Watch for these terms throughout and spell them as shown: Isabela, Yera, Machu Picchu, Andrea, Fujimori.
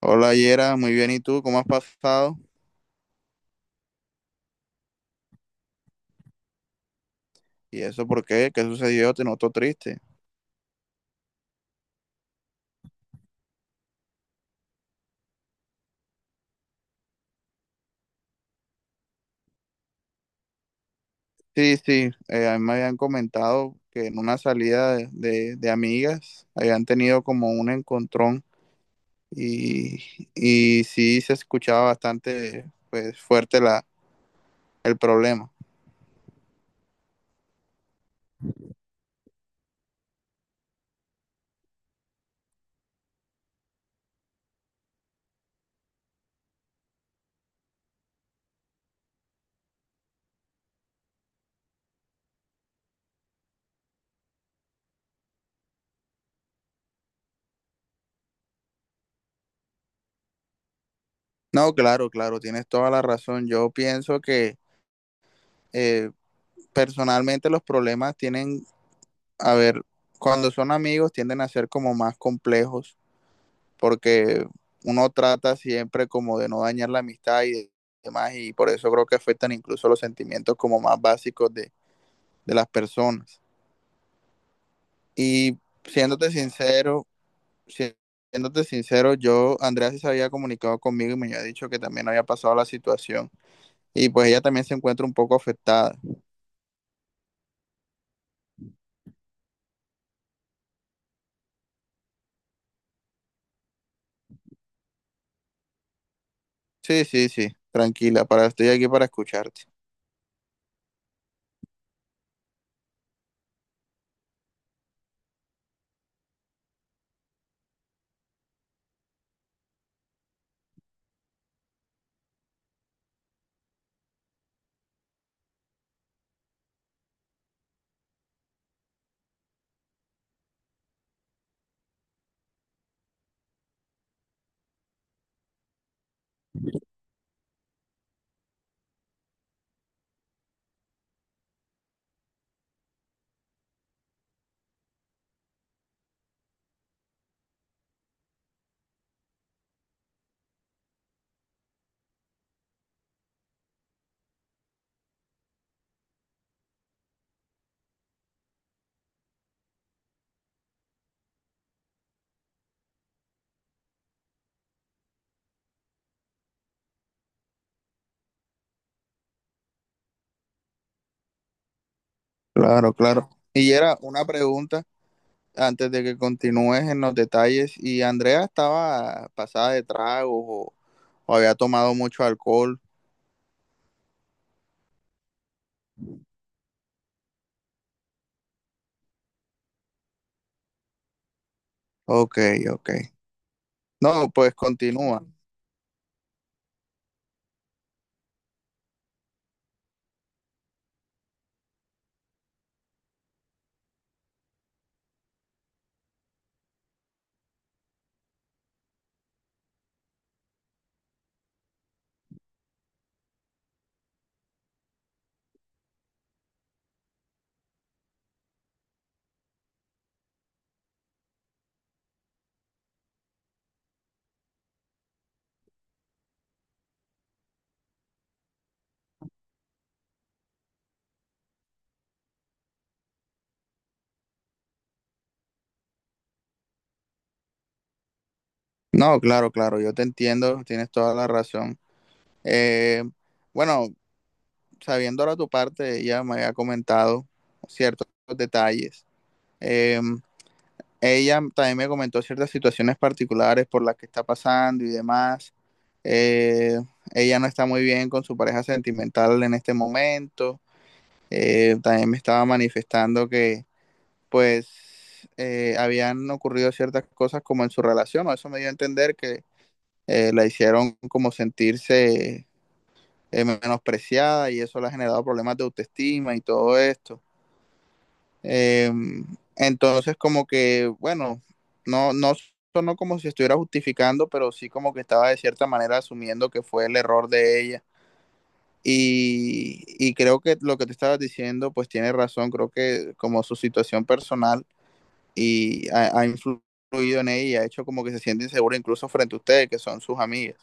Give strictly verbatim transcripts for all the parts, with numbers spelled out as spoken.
Hola Yera, muy bien, ¿y tú? ¿Cómo has pasado? ¿Y eso por qué? ¿Qué sucedió? Te noto triste. Sí, sí, eh, a mí me habían comentado que en una salida de, de- de amigas habían tenido como un encontrón y, y sí se escuchaba bastante pues, fuerte la, el problema. No, claro, claro, tienes toda la razón. Yo pienso que eh, personalmente los problemas tienen, a ver, cuando son amigos tienden a ser como más complejos porque uno trata siempre como de no dañar la amistad y demás, y por eso creo que afectan incluso los sentimientos como más básicos de, de las personas. Y siéndote sincero, si, siéndote sincero, yo, Andrea sí se había comunicado conmigo y me había dicho que también había pasado la situación. Y pues ella también se encuentra un poco afectada. Sí, sí, sí, tranquila, para, estoy aquí para escucharte. Claro, claro. Y era una pregunta. Antes de que continúes en los detalles, ¿y Andrea estaba pasada de tragos o, o había tomado mucho alcohol? Ok, ok. No, pues continúa. No, claro, claro, yo te entiendo, tienes toda la razón. Eh, bueno, sabiendo ahora tu parte, ella me había comentado ciertos detalles. Eh, ella también me comentó ciertas situaciones particulares por las que está pasando y demás. Eh, ella no está muy bien con su pareja sentimental en este momento. eh, también me estaba manifestando que pues eh, habían ocurrido ciertas cosas como en su relación, o eso me dio a entender que eh, la hicieron como sentirse eh, menospreciada y eso le ha generado problemas de autoestima y todo esto. Eh, entonces como que, bueno, no, no sonó como si estuviera justificando, pero sí como que estaba de cierta manera asumiendo que fue el error de ella. Y, y creo que lo que te estabas diciendo, pues tiene razón, creo que como su situación personal y ha, ha influido en ella y ha hecho como que se siente insegura incluso frente a ustedes, que son sus amigas.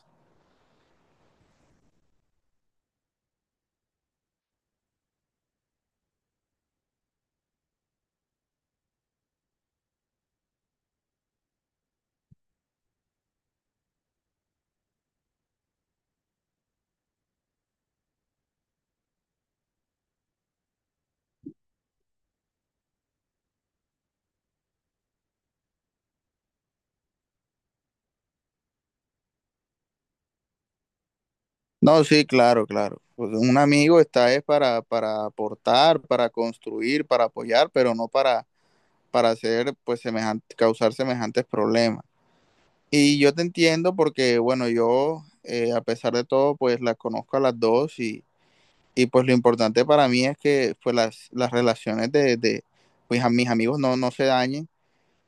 No, sí, claro, claro. Pues un amigo está es para, para aportar, para construir, para apoyar, pero no para, para hacer, pues, semejante, causar semejantes problemas. Y yo te entiendo porque, bueno, yo, eh, a pesar de todo, pues las conozco a las dos y, y pues lo importante para mí es que pues, las, las relaciones de, de pues, a mis amigos no, no se dañen.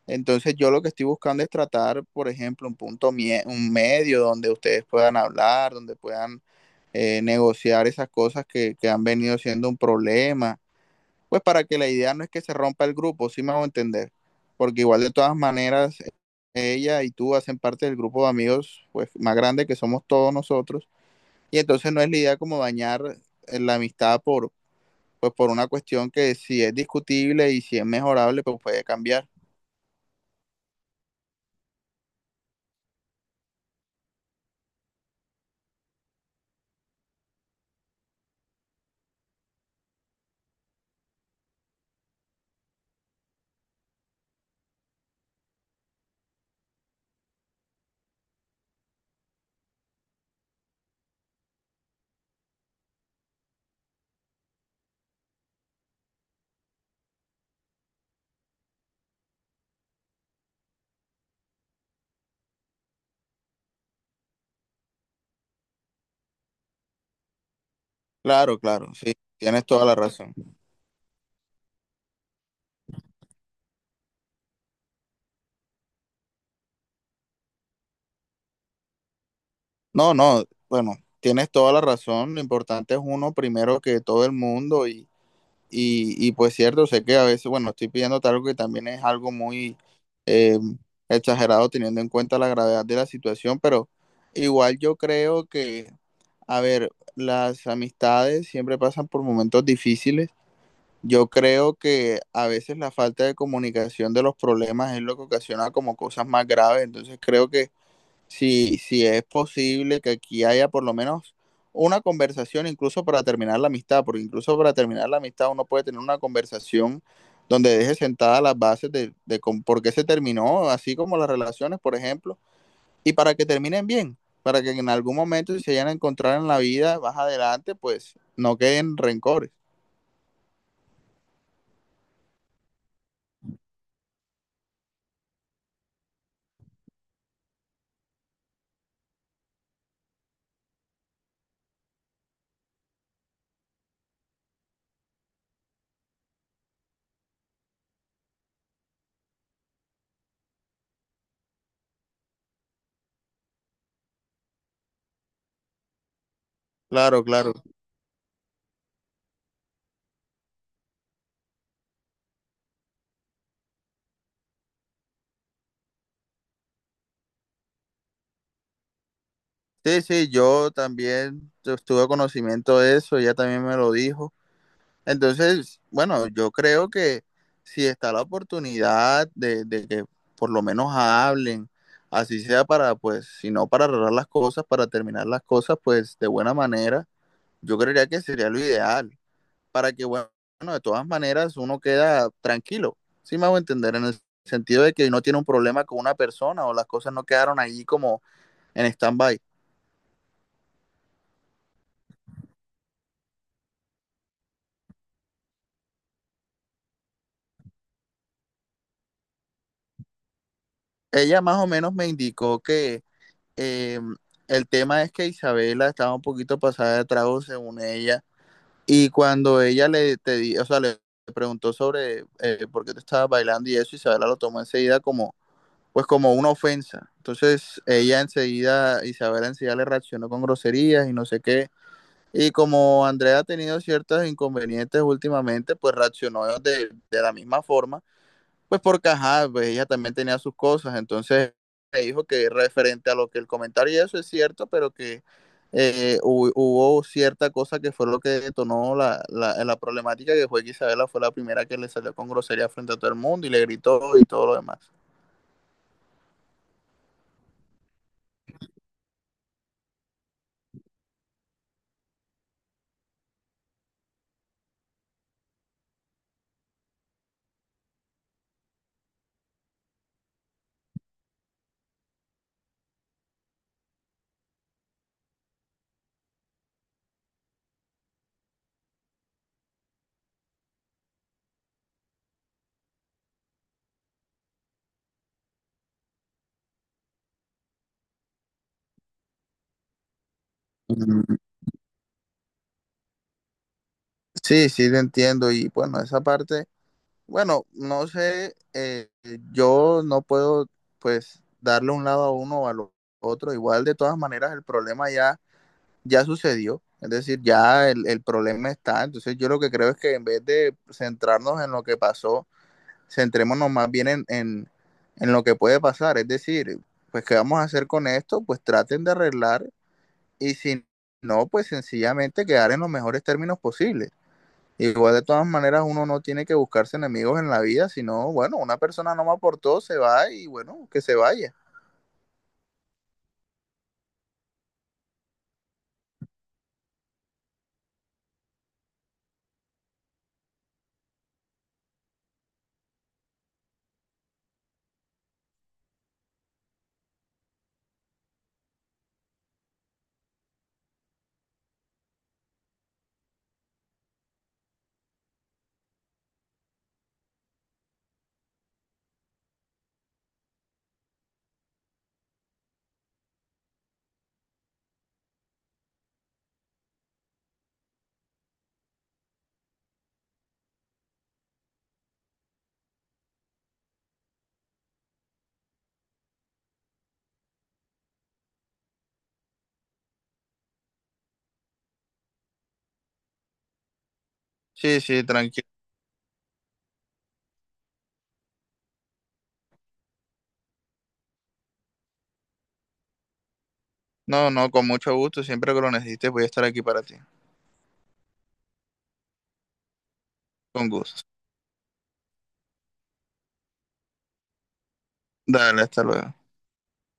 Entonces yo lo que estoy buscando es tratar, por ejemplo, un punto, mie- un medio donde ustedes puedan hablar, donde puedan eh, negociar esas cosas que, que han venido siendo un problema, pues para que la idea no es que se rompa el grupo, sí me hago entender, porque igual de todas maneras ella y tú hacen parte del grupo de amigos pues más grande que somos todos nosotros y entonces no es la idea como dañar eh, la amistad por, pues por una cuestión que si es discutible y si es mejorable, pues puede cambiar. Claro, claro, sí, tienes toda la razón. No, no, bueno, tienes toda la razón. Lo importante es uno primero que todo el mundo y, y, y pues cierto, sé que a veces, bueno, estoy pidiendo algo que también es algo muy eh, exagerado teniendo en cuenta la gravedad de la situación, pero igual yo creo que, a ver, las amistades siempre pasan por momentos difíciles. Yo creo que a veces la falta de comunicación de los problemas es lo que ocasiona como cosas más graves. Entonces creo que si, si es posible que aquí haya por lo menos una conversación, incluso para terminar la amistad, porque incluso para terminar la amistad uno puede tener una conversación donde deje sentadas las bases de, de con- por qué se terminó, así como las relaciones, por ejemplo, y para que terminen bien, para que en algún momento si se vayan a encontrar en la vida más adelante, pues no queden rencores. Claro, claro. Sí, sí, yo también tu- tuve conocimiento de eso, ella también me lo dijo. Entonces, bueno, yo creo que si está la oportunidad de, de que por lo menos hablen, así sea para, pues, si no para arreglar las cosas, para terminar las cosas, pues de buena manera, yo creería que sería lo ideal, para que, bueno, de todas maneras uno queda tranquilo. Sí, me hago entender, en el sentido de que no tiene un problema con una persona o las cosas no quedaron ahí como en stand-by. Ella más o menos me indicó que eh, el tema es que Isabela estaba un poquito pasada de trago según ella. Y cuando ella le, te di- o sea, le preguntó sobre eh, por qué te estabas bailando y eso, Isabela lo tomó enseguida como, pues como una ofensa. Entonces ella enseguida, Isabela enseguida le reaccionó con groserías y no sé qué. Y como Andrea ha tenido ciertos inconvenientes últimamente, pues reaccionó de, de la misma forma. Pues porque, ajá, pues ella también tenía sus cosas, entonces me dijo que referente a lo que el comentario y eso es cierto, pero que eh, hu- hubo cierta cosa que fue lo que detonó la, la, la problemática, que fue que Isabela fue la primera que le salió con grosería frente a todo el mundo y le gritó y todo lo demás. Mm. Sí, sí, te entiendo. Y bueno, esa parte, bueno, no sé, eh, yo no puedo pues darle un lado a uno o al otro. Igual de todas maneras el problema ya ya sucedió, es decir, ya el, el problema está. Entonces yo lo que creo es que en vez de centrarnos en lo que pasó, centrémonos más bien en, en, en lo que puede pasar. Es decir, pues qué vamos a hacer con esto, pues traten de arreglar y si no, pues sencillamente quedar en los mejores términos posibles. Igual de todas maneras uno no tiene que buscarse enemigos en la vida, sino, bueno, una persona no me aportó, se va y bueno, que se vaya. Sí, sí, tranquilo. No, no, con mucho gusto, siempre que lo necesites voy a estar aquí para ti. Con gusto. Dale, hasta luego.